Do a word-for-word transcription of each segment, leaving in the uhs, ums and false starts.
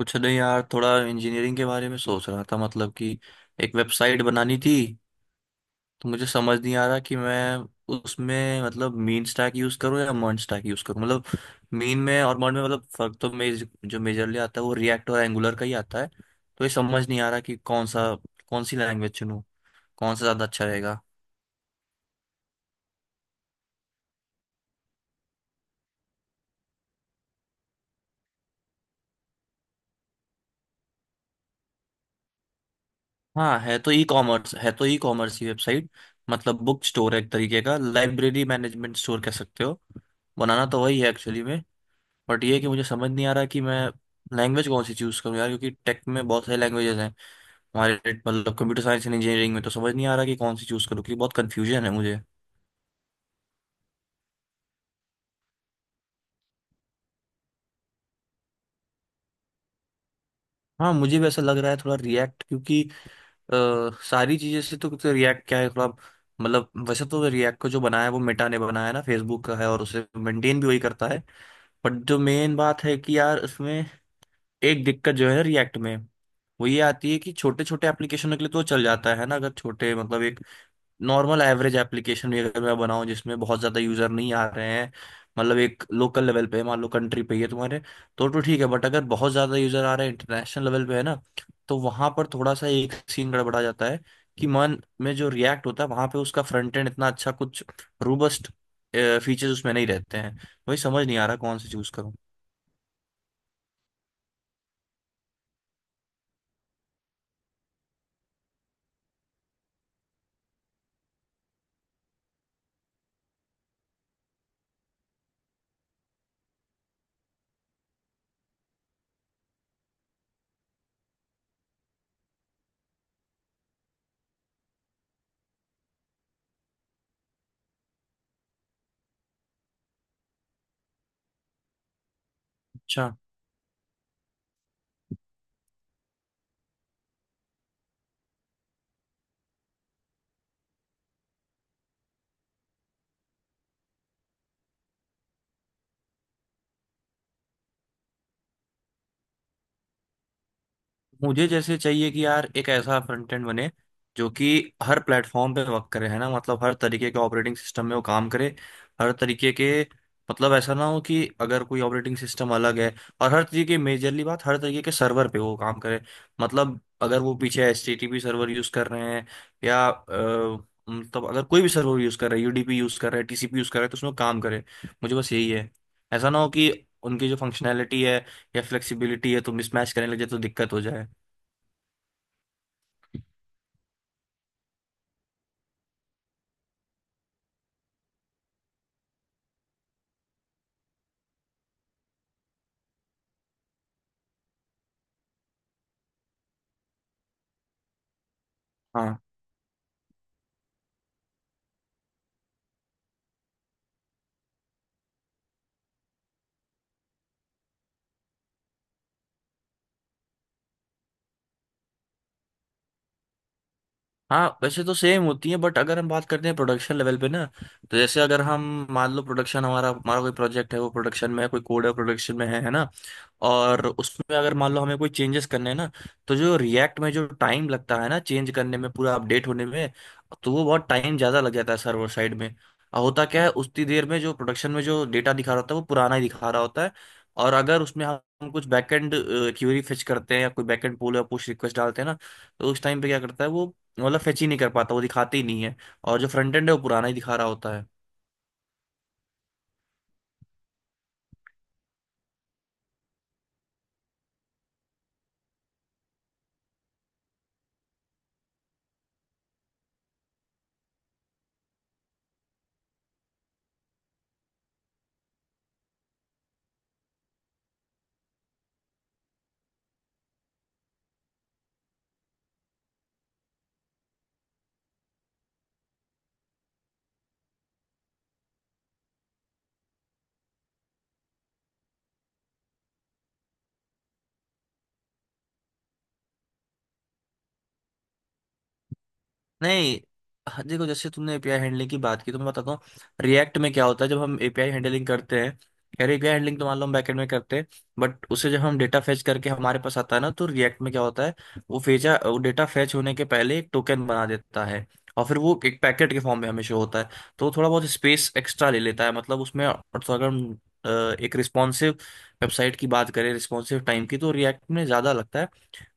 कुछ नहीं यार, थोड़ा इंजीनियरिंग के बारे में सोच रहा था। मतलब कि एक वेबसाइट बनानी थी। तो मुझे समझ नहीं आ रहा कि मैं उसमें मतलब मीन स्टैक यूज करूँ या मर्ज स्टैक यूज करूँ। मतलब मीन में और मर्ज में, मतलब फर्क तो मेज जो मेजरली आता है वो रिएक्ट और एंगुलर का ही आता है। तो ये समझ नहीं आ रहा कि कौन सा कौन सी लैंग्वेज चुनूँ। कौन सा ज्यादा अच्छा रहेगा? हाँ, है तो ई कॉमर्स, है तो ई कॉमर्स ही वेबसाइट। मतलब बुक स्टोर है, एक तरीके का लाइब्रेरी मैनेजमेंट स्टोर कह सकते हो। बनाना तो वही है एक्चुअली में। बट ये है कि मुझे समझ नहीं आ रहा कि मैं लैंग्वेज कौन सी चूज करूँ यार, क्योंकि टेक में बहुत सारी लैंग्वेजेस हैं हमारे। मतलब कंप्यूटर साइंस एंड इंजीनियरिंग में। तो समझ नहीं आ रहा कि कौन सी चूज करूँ, क्योंकि बहुत कन्फ्यूजन है मुझे। हाँ, मुझे भी ऐसा लग रहा है थोड़ा रिएक्ट क्योंकि अ, सारी चीजें से तो, तो रिएक्ट क्या है थोड़ा। मतलब वैसे तो रिएक्ट को जो बनाया है वो मेटा ने बनाया है ना, फेसबुक का है और उसे मेंटेन भी वही करता है। बट जो मेन बात है कि यार उसमें एक दिक्कत जो है रिएक्ट में, वो ये आती है कि छोटे छोटे एप्लीकेशनों के लिए तो चल जाता है ना, अगर छोटे मतलब एक नॉर्मल एवरेज एप्लीकेशन भी अगर मैं बनाऊं जिसमें बहुत ज़्यादा यूज़र नहीं आ रहे हैं, मतलब एक लोकल लेवल पे मान लो कंट्री पे ही है तुम्हारे, तो तो ठीक है। बट अगर बहुत ज़्यादा यूज़र आ रहे हैं इंटरनेशनल लेवल पे है ना, तो वहाँ पर थोड़ा सा एक सीन गड़बड़ा जाता है। कि मन में जो रिएक्ट होता है वहाँ पे उसका फ्रंट एंड इतना अच्छा कुछ रोबस्ट फीचर्स उसमें नहीं रहते हैं। वही समझ नहीं आ रहा कौन से चूज़ करूँ। अच्छा, मुझे जैसे चाहिए कि यार एक ऐसा फ्रंट एंड बने जो कि हर प्लेटफॉर्म पे वर्क करे है ना, मतलब हर तरीके के ऑपरेटिंग सिस्टम में वो काम करे। हर तरीके के, मतलब ऐसा ना हो कि अगर कोई ऑपरेटिंग सिस्टम अलग है, और हर तरीके मेजरली बात, हर तरीके के सर्वर पे वो काम करे। मतलब अगर वो पीछे H T T P server use कर रहे हैं या अ, मतलब अगर कोई भी सर्वर यूज कर रहा है, यूडीपी यूज कर रहा है, टीसीपी यूज कर रहा है, तो उसमें वो काम करे। मुझे बस यही है, ऐसा ना हो कि उनकी जो फंक्शनैलिटी है या फ्लेक्सिबिलिटी है तो मिसमैच करने लग जाए तो दिक्कत हो जाए। हाँ, हाँ वैसे तो सेम होती है, बट अगर हम बात करते हैं प्रोडक्शन लेवल पे ना, तो जैसे अगर हम मान लो प्रोडक्शन हमारा हमारा कोई प्रोजेक्ट है, वो प्रोडक्शन में है, कोई कोड है प्रोडक्शन में है है ना। और उसमें अगर मान लो हमें कोई चेंजेस करने हैं ना, तो जो रिएक्ट में जो टाइम लगता है ना चेंज करने में, पूरा अपडेट होने में, तो वो बहुत टाइम ज़्यादा लग जाता है सर्वर साइड में। और होता क्या है, उतनी देर में जो प्रोडक्शन में जो डेटा दिखा रहा होता है वो पुराना ही दिखा रहा होता है। और अगर उसमें हम कुछ बैकएंड क्यूरी फेच करते हैं या कोई बैकएंड पुल या पुश रिक्वेस्ट डालते हैं ना, तो उस टाइम पे क्या करता है वो, मतलब फेच ही नहीं कर पाता, वो दिखाते ही नहीं है। और जो फ्रंट एंड है वो पुराना ही दिखा रहा होता है। नहीं। हाँ, देखो जैसे तुमने एपीआई हैंडलिंग की बात की तो मैं बताता हूँ, रिएक्ट में क्या होता है जब हम एपीआई हैंडलिंग करते हैं। यार एपीआई हैंडलिंग तो मान लो हम बैकएंड में करते हैं, बट उसे जब हम डेटा फैच करके हमारे पास आता है ना, तो रिएक्ट में क्या होता है, वो फेचा वो डेटा फैच होने के पहले एक टोकन बना देता है और फिर वो एक पैकेट के फॉर्म में हमेशा होता है। तो वो थोड़ा बहुत स्पेस एक्स्ट्रा ले लेता है मतलब उसमें। और तो अगर हम अ, एक रिस्पॉन्सिव वेबसाइट की बात करें, रिस्पॉन्सिव टाइम की, तो रिएक्ट में ज़्यादा लगता है।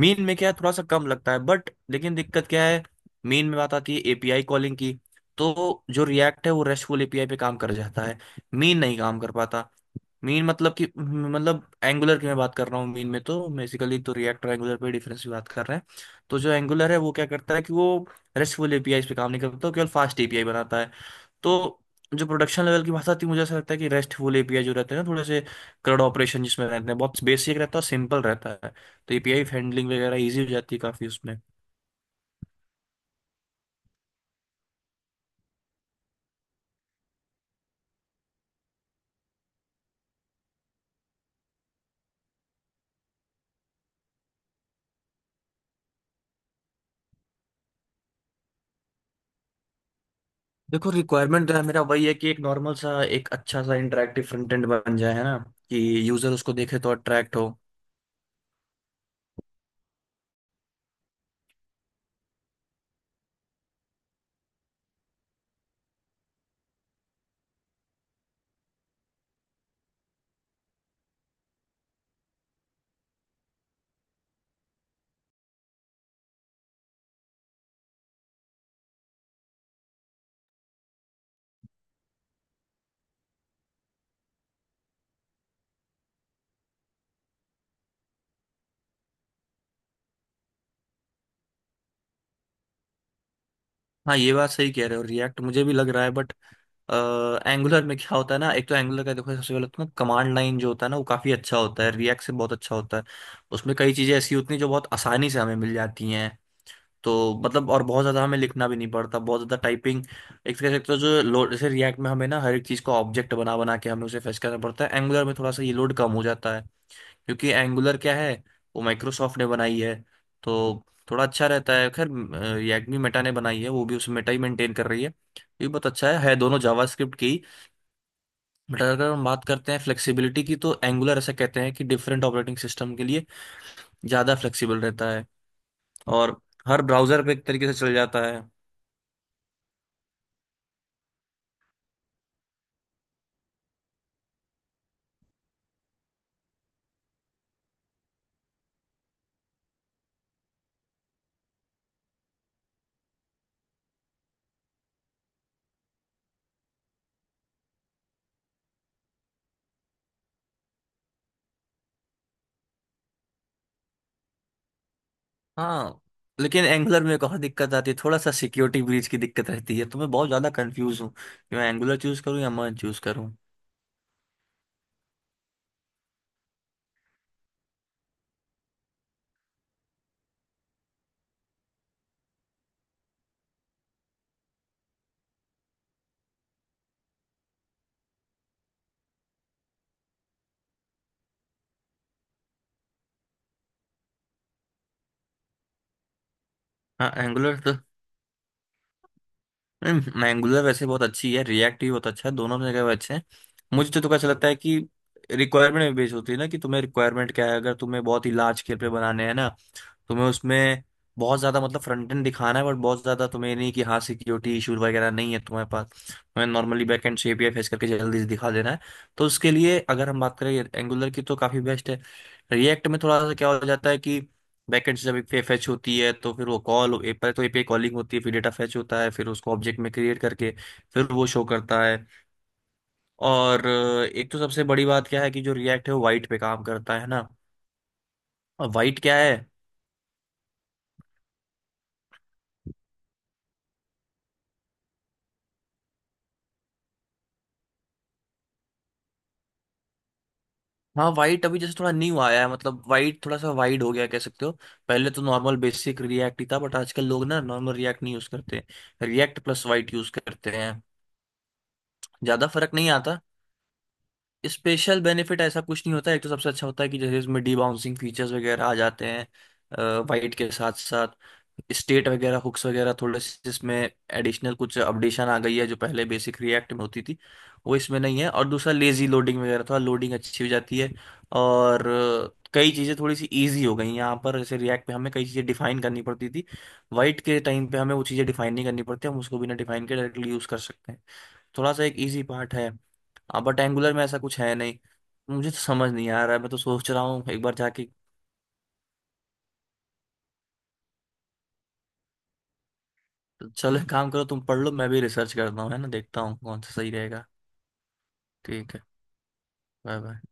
मीन में क्या है थोड़ा सा कम लगता है, बट लेकिन दिक्कत क्या है, मीन में बात आती है एपीआई कॉलिंग की। तो जो रिएक्ट है वो रेस्टफुल एपीआई पे काम कर जाता है, मीन नहीं काम कर पाता। मीन मतलब कि मतलब एंगुलर की मैं बात कर रहा हूँ, मीन में तो बेसिकली तो रिएक्ट और एंगुलर पे डिफरेंस की बात कर रहे हैं। तो जो एंगुलर है वो क्या करता है कि वो रेस्टफुल एपीआई पे काम नहीं करता, वो केवल फास्ट एपीआई बनाता है। तो जो प्रोडक्शन लेवल की भाषा थी, मुझे ऐसा लगता है कि रेस्टफुल एपीआई जो रहते हैं ना, थोड़े से क्रड ऑपरेशन जिसमें रहते हैं, बहुत बेसिक रहता है और सिंपल रहता है। तो एपीआई हैंडलिंग वगैरह ईजी हो जाती है काफी उसमें। देखो रिक्वायरमेंट है मेरा वही है कि एक नॉर्मल सा एक अच्छा सा इंटरेक्टिव फ्रंट एंड बन जाए है ना, कि यूजर उसको देखे तो अट्रैक्ट हो। हाँ, ये बात सही कह रहे हो, रिएक्ट मुझे भी लग रहा है, बट एंगुलर में क्या होता है ना, एक तो एंगुलर का देखो सबसे पहले तो ना कमांड लाइन जो होता है ना वो काफी अच्छा होता है, रिएक्ट से बहुत अच्छा होता है। उसमें कई चीजें ऐसी होती हैं जो बहुत आसानी से हमें मिल जाती हैं। तो मतलब और बहुत ज्यादा हमें लिखना भी नहीं पड़ता, बहुत ज्यादा टाइपिंग एक तरह से। एक तो जो लोड जैसे रिएक्ट में हमें ना हर एक चीज को ऑब्जेक्ट बना बना के हमें उसे फेस करना पड़ता है, एंगुलर में थोड़ा सा ये लोड कम हो जाता है क्योंकि एंगुलर क्या है वो माइक्रोसॉफ्ट ने बनाई है तो थोड़ा अच्छा रहता है। खैर यग्मी मेटा ने बनाई है, वो भी उस मेटा ही मेंटेन कर रही है। ये बहुत अच्छा है है दोनों जावास्क्रिप्ट की। बट अगर हम बात करते हैं फ्लेक्सिबिलिटी की, तो एंगुलर ऐसा कहते हैं कि डिफरेंट ऑपरेटिंग सिस्टम के लिए ज़्यादा फ्लेक्सिबल रहता है, और हर ब्राउज़र पे एक तरीके से चल जाता है। हाँ, लेकिन एंगुलर में एक और दिक्कत आती है, थोड़ा सा सिक्योरिटी ब्रीच की दिक्कत रहती है। तो मैं बहुत ज़्यादा कंफ्यूज हूँ कि मैं एंगुलर चूज़ करूँ या मर्ज चूज़ करूँ। हाँ एंगुलर, नहीं एंगुलर वैसे बहुत अच्छी है, रिएक्ट भी बहुत अच्छा है, दोनों जगह वो अच्छे हैं। मुझे तो तो ऐसा लगता है कि रिक्वायरमेंट में बेस होती है ना, कि तुम्हें रिक्वायरमेंट क्या है, अगर तुम्हें बहुत ही लार्ज स्केल पे बनाने हैं ना, तुम्हें उसमें बहुत ज्यादा मतलब फ्रंट एंड दिखाना है, बट बहुत ज्यादा तुम्हें नहीं कि हाँ सिक्योरिटी इशू वगैरह नहीं है तुम्हारे पास, तुम्हें नॉर्मली बैक एंड से एपीआई फेस करके जल्दी से दिखा देना है, तो उसके लिए अगर हम बात करें एंगुलर की तो काफी बेस्ट है। रिएक्ट में थोड़ा सा क्या हो जाता है कि बैकेंड से जब एक फेच होती है तो फिर वो कॉल पहले तो एपीआई कॉलिंग होती है, फिर डेटा फेच होता है, फिर उसको ऑब्जेक्ट में क्रिएट करके फिर वो शो करता है। और अ, एक तो सबसे बड़ी बात क्या है कि जो रिएक्ट है वो वाइट पे काम करता है ना। और वाइट क्या है। हाँ, वाइट अभी जैसे थोड़ा न्यू आया है, मतलब वाइट थोड़ा सा वाइड हो गया कह सकते हो। पहले तो नॉर्मल बेसिक रिएक्ट ही था, बट आजकल लोग ना नॉर्मल रिएक्ट नहीं यूज करते, रिएक्ट प्लस वाइट यूज करते हैं। ज्यादा फर्क नहीं आता, स्पेशल बेनिफिट ऐसा कुछ नहीं होता है। एक तो सबसे अच्छा होता है कि जैसे इसमें डी बाउंसिंग फीचर्स वगैरह आ जाते हैं वाइट के साथ साथ, स्टेट वगैरह हुक्स वगैरह थोड़े से इसमें एडिशनल कुछ अपडेशन आ गई है जो पहले बेसिक रिएक्ट में होती थी वो इसमें नहीं है। और दूसरा लेजी लोडिंग वगैरह थोड़ा लोडिंग अच्छी हो जाती है। और अ, कई चीज़ें थोड़ी सी इजी हो गई हैं यहाँ पर, जैसे रिएक्ट पे हमें कई चीज़ें डिफाइन करनी पड़ती थी, वाइट के टाइम पे हमें वो चीज़ें डिफाइन नहीं करनी पड़ती, हम उसको बिना डिफाइन के डायरेक्टली यूज़ कर सकते हैं। थोड़ा सा एक इजी पार्ट है। अब बट एंगुलर में ऐसा कुछ है नहीं। मुझे तो समझ नहीं आ रहा है, मैं तो सोच रहा हूँ एक बार जाके। चलो एक काम करो, तुम पढ़ लो, मैं भी रिसर्च करता हूँ है ना, देखता हूँ कौन सा सही रहेगा। ठीक है। Bye bye.